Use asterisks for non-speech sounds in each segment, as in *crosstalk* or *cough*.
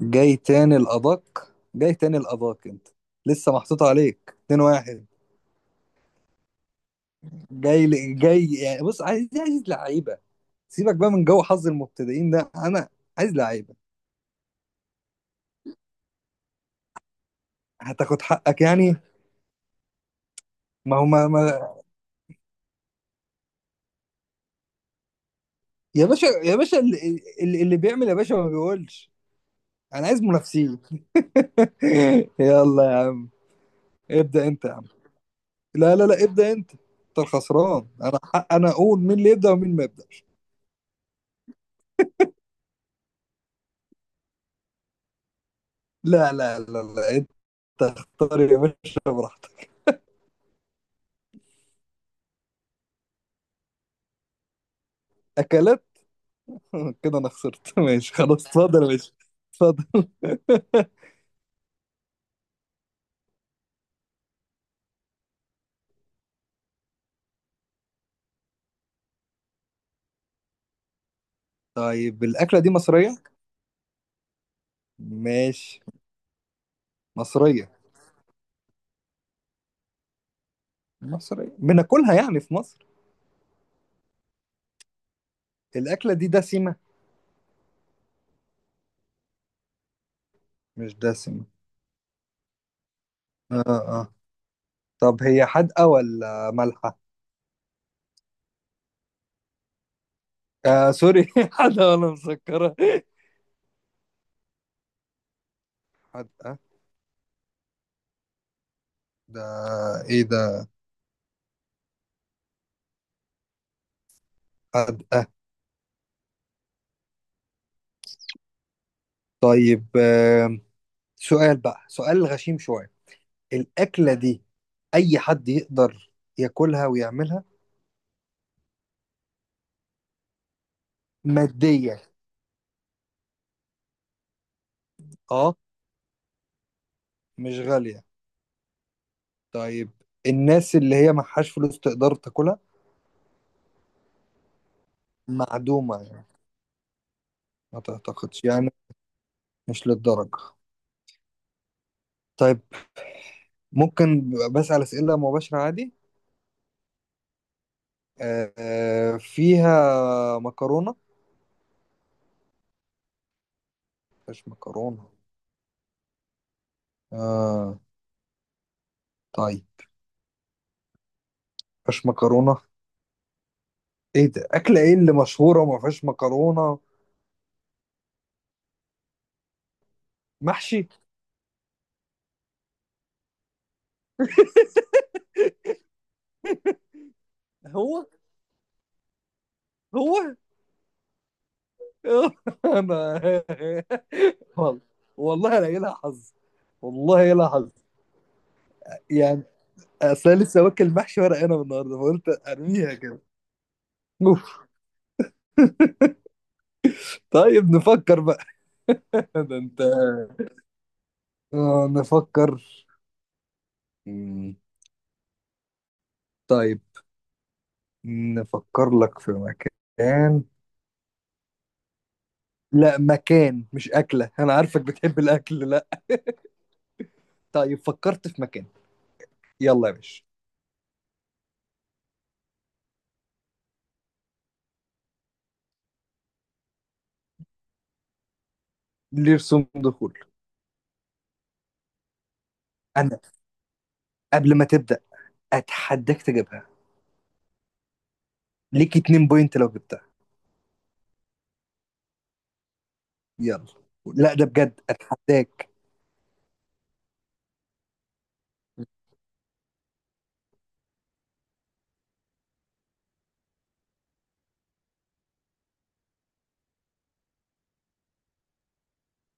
جاي تاني الأدق جاي تاني الأدق. أنت لسه محطوط عليك 2-1. جاي يعني بص عايز لعيبة. سيبك بقى من جو حظ المبتدئين ده، أنا عايز لعيبة. هتاخد حقك يعني. ما هو ما, ما يا باشا، يا باشا اللي بيعمل يا باشا ما بيقولش. أنا عايز منافسين. *laughs* يلا يا عم، ابدأ أنت يا عم. لا لا لا، ابدأ أنت، أنت الخسران، أنا حق أنا أقول مين اللي يبدأ ومين ما يبدأش. لا لا لا لا، أنت اختار يا باشا براحتك. أكلات. *laughs* كده انا خسرت. *laughs* ماشي خلاص، اتفضل، ماشي، اتفضل. *laughs* طيب الأكلة دي مصرية؟ ماشي. مصرية. مصرية، بناكلها يعني في مصر. الأكلة دي دسمة. مش دسمة. اه اه. طب هي حادقة ولا مالحة؟ آه سوري. *laughs* حادقة ولا مسكرة؟ حادقة. ده ايه ده؟ حادقة. طيب آه، سؤال بقى، سؤال غشيم شوية. الأكلة دي أي حد يقدر ياكلها ويعملها؟ ماديا؟ اه، مش غالية. طيب الناس اللي هي معهاش فلوس تقدر تاكلها؟ معدومة يعني. ما تعتقدش يعني، مش للدرجة. طيب، ممكن بسأل أسئلة مباشرة عادي؟ آه آه، فيها مكرونة؟ مش مكرونة. آه. طيب مفيهاش مكرونة. ايه ده، أكلة ايه اللي مشهورة وما فيهاش مكرونة؟ محشي. هو هو. *laughs* انا والله، والله انا إيه لها حظ، والله إيه لها حظ يعني. اصل أنا لسه واكل محشي ورق عنب النهارده فقلت ارميها كده. اوف. طيب نفكر بقى. *laughs* ده انت. آه نفكر. مم، طيب نفكر لك في مكان. لا مكان مش أكلة، أنا عارفك بتحب الأكل. لا، طيب فكرت في مكان. يلا يا باشا. لرسوم دخول. أنا قبل ما تبدأ أتحداك تجيبها. ليك اتنين بوينت لو جبتها. يلا. لا ده بجد أتحداك.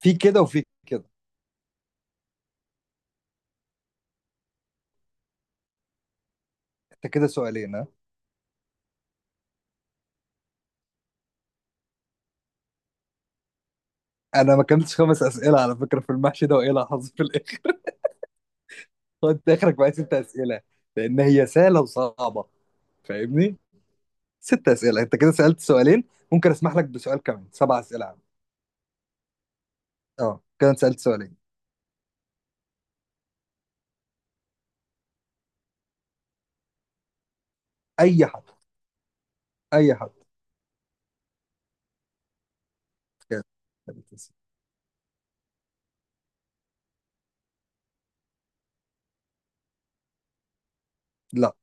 في كده وفي كده. أنت كده سؤالين، ها. انا ما كملتش خمس اسئله على فكره في المحشي ده، وايه اللي حصل في الاخر. *laughs* انت اخرك بقى ست اسئله، لان هي سهله وصعبه، فاهمني؟ ست اسئله، انت كده سالت سؤالين، ممكن اسمح لك بسؤال كمان. سبع اسئله عندي. اه، كده أنت سالت سؤالين. اي حد، اي حد. كده تلات أسئلة. لا.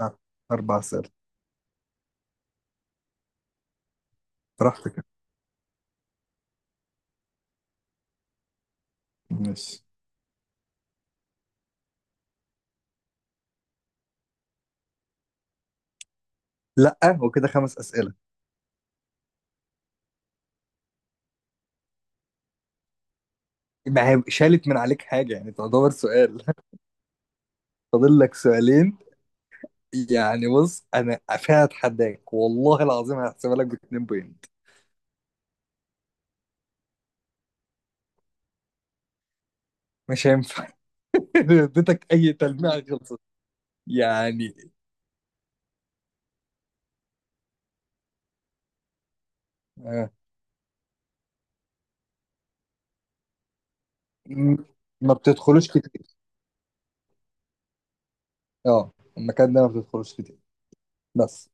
آه. اربع اسئله. براحتك. ماشي. لا وكده خمس اسئله. ما هي شالت من عليك حاجه يعني، تعتبر سؤال. *laughs* فاضل لك سؤالين. يعني بص انا فيها اتحداك، والله العظيم هحسبها لك باتنين بوينت. مش هينفع. *laughs* لو اديتك اي تلميحه خلصت يعني. آه. م- ما بتدخلوش كتير. اه، المكان ده ما بتدخلوش كتير بس.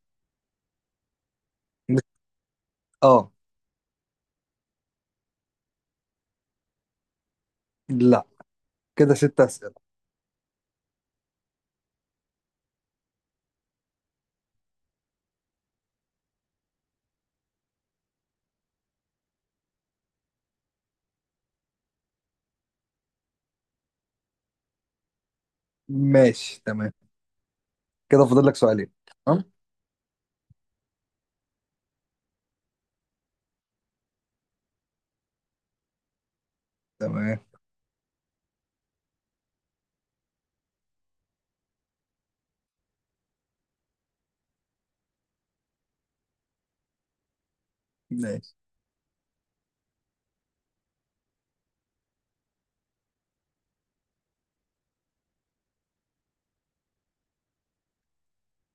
اه. لا، كده ست اسئله. ماشي تمام. كده فاضل لك سؤالين. تمام. تمام. ماشي.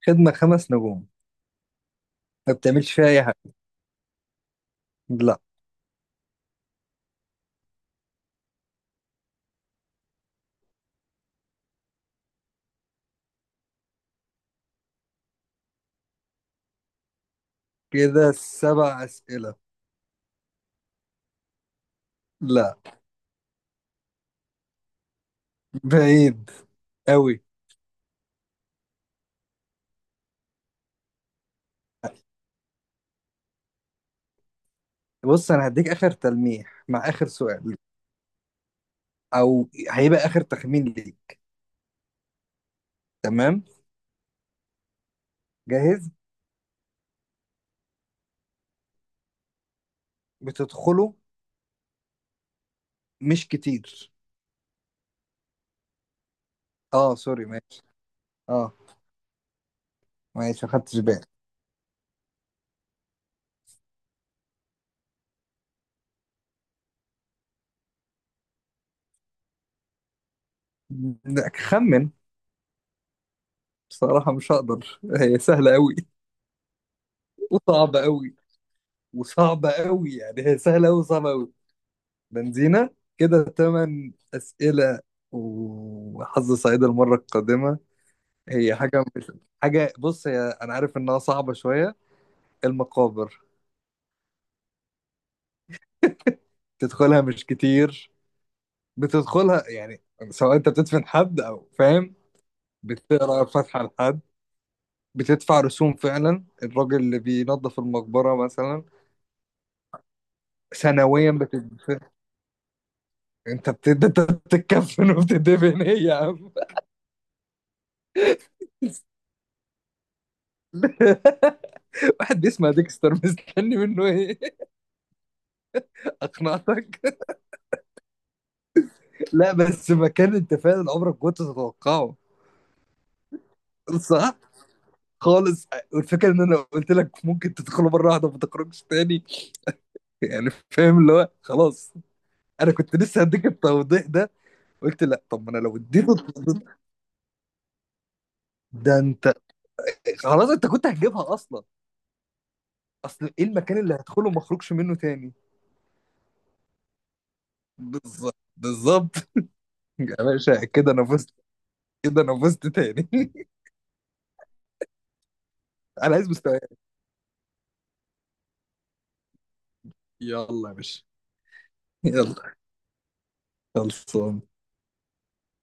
خدمه خمس نجوم، ما بتعملش فيها اي حاجه. لا. كده سبع اسئله. لا، بعيد قوي. بص انا هديك اخر تلميح مع اخر سؤال، او هيبقى اخر تخمين ليك. تمام. جاهز. بتدخله مش كتير. اه سوري، ماشي. اه ماشي، ما خدتش بالي. لا، خمن. بصراحة مش هقدر، هي سهلة قوي وصعبة قوي، وصعبة قوي يعني، هي سهلة قوي وصعبة قوي. بنزينة. كده تمن أسئلة، وحظ سعيد المرة القادمة. هي حاجة مش حاجة، بص هي أنا عارف إنها صعبة شوية. المقابر. تدخلها مش كتير، بتدخلها يعني سواء أنت بتدفن حد أو فاهم، بتقرأ فاتحة لحد، بتدفع رسوم فعلا، الراجل اللي بينظف المقبرة مثلا سنويا بتدفع. انت بتتكفن وبتدفن، ايه يا عم. *laughs* واحد بيسمع ديكستر مستني منه ايه. *laughs* اقنعتك. لا بس مكان انت فعلا عمرك كنت تتوقعه. صح. خالص. والفكره ان انا قلت لك ممكن تدخله مره واحده ما تخرجش تاني، يعني فاهم اللي هو خلاص. انا كنت لسه هديك التوضيح ده، قلت لا طب ما انا لو اديته التوضيح ده انت خلاص انت كنت هتجيبها اصلا. اصل ايه المكان اللي هدخله وما اخرجش منه تاني. بالظبط بالظبط. *laughs* يا باشا كده انا فزت. كده انا فزت تاني. *laughs* انا عايز مستوى. يلا يا باشا. يلا. خلصان.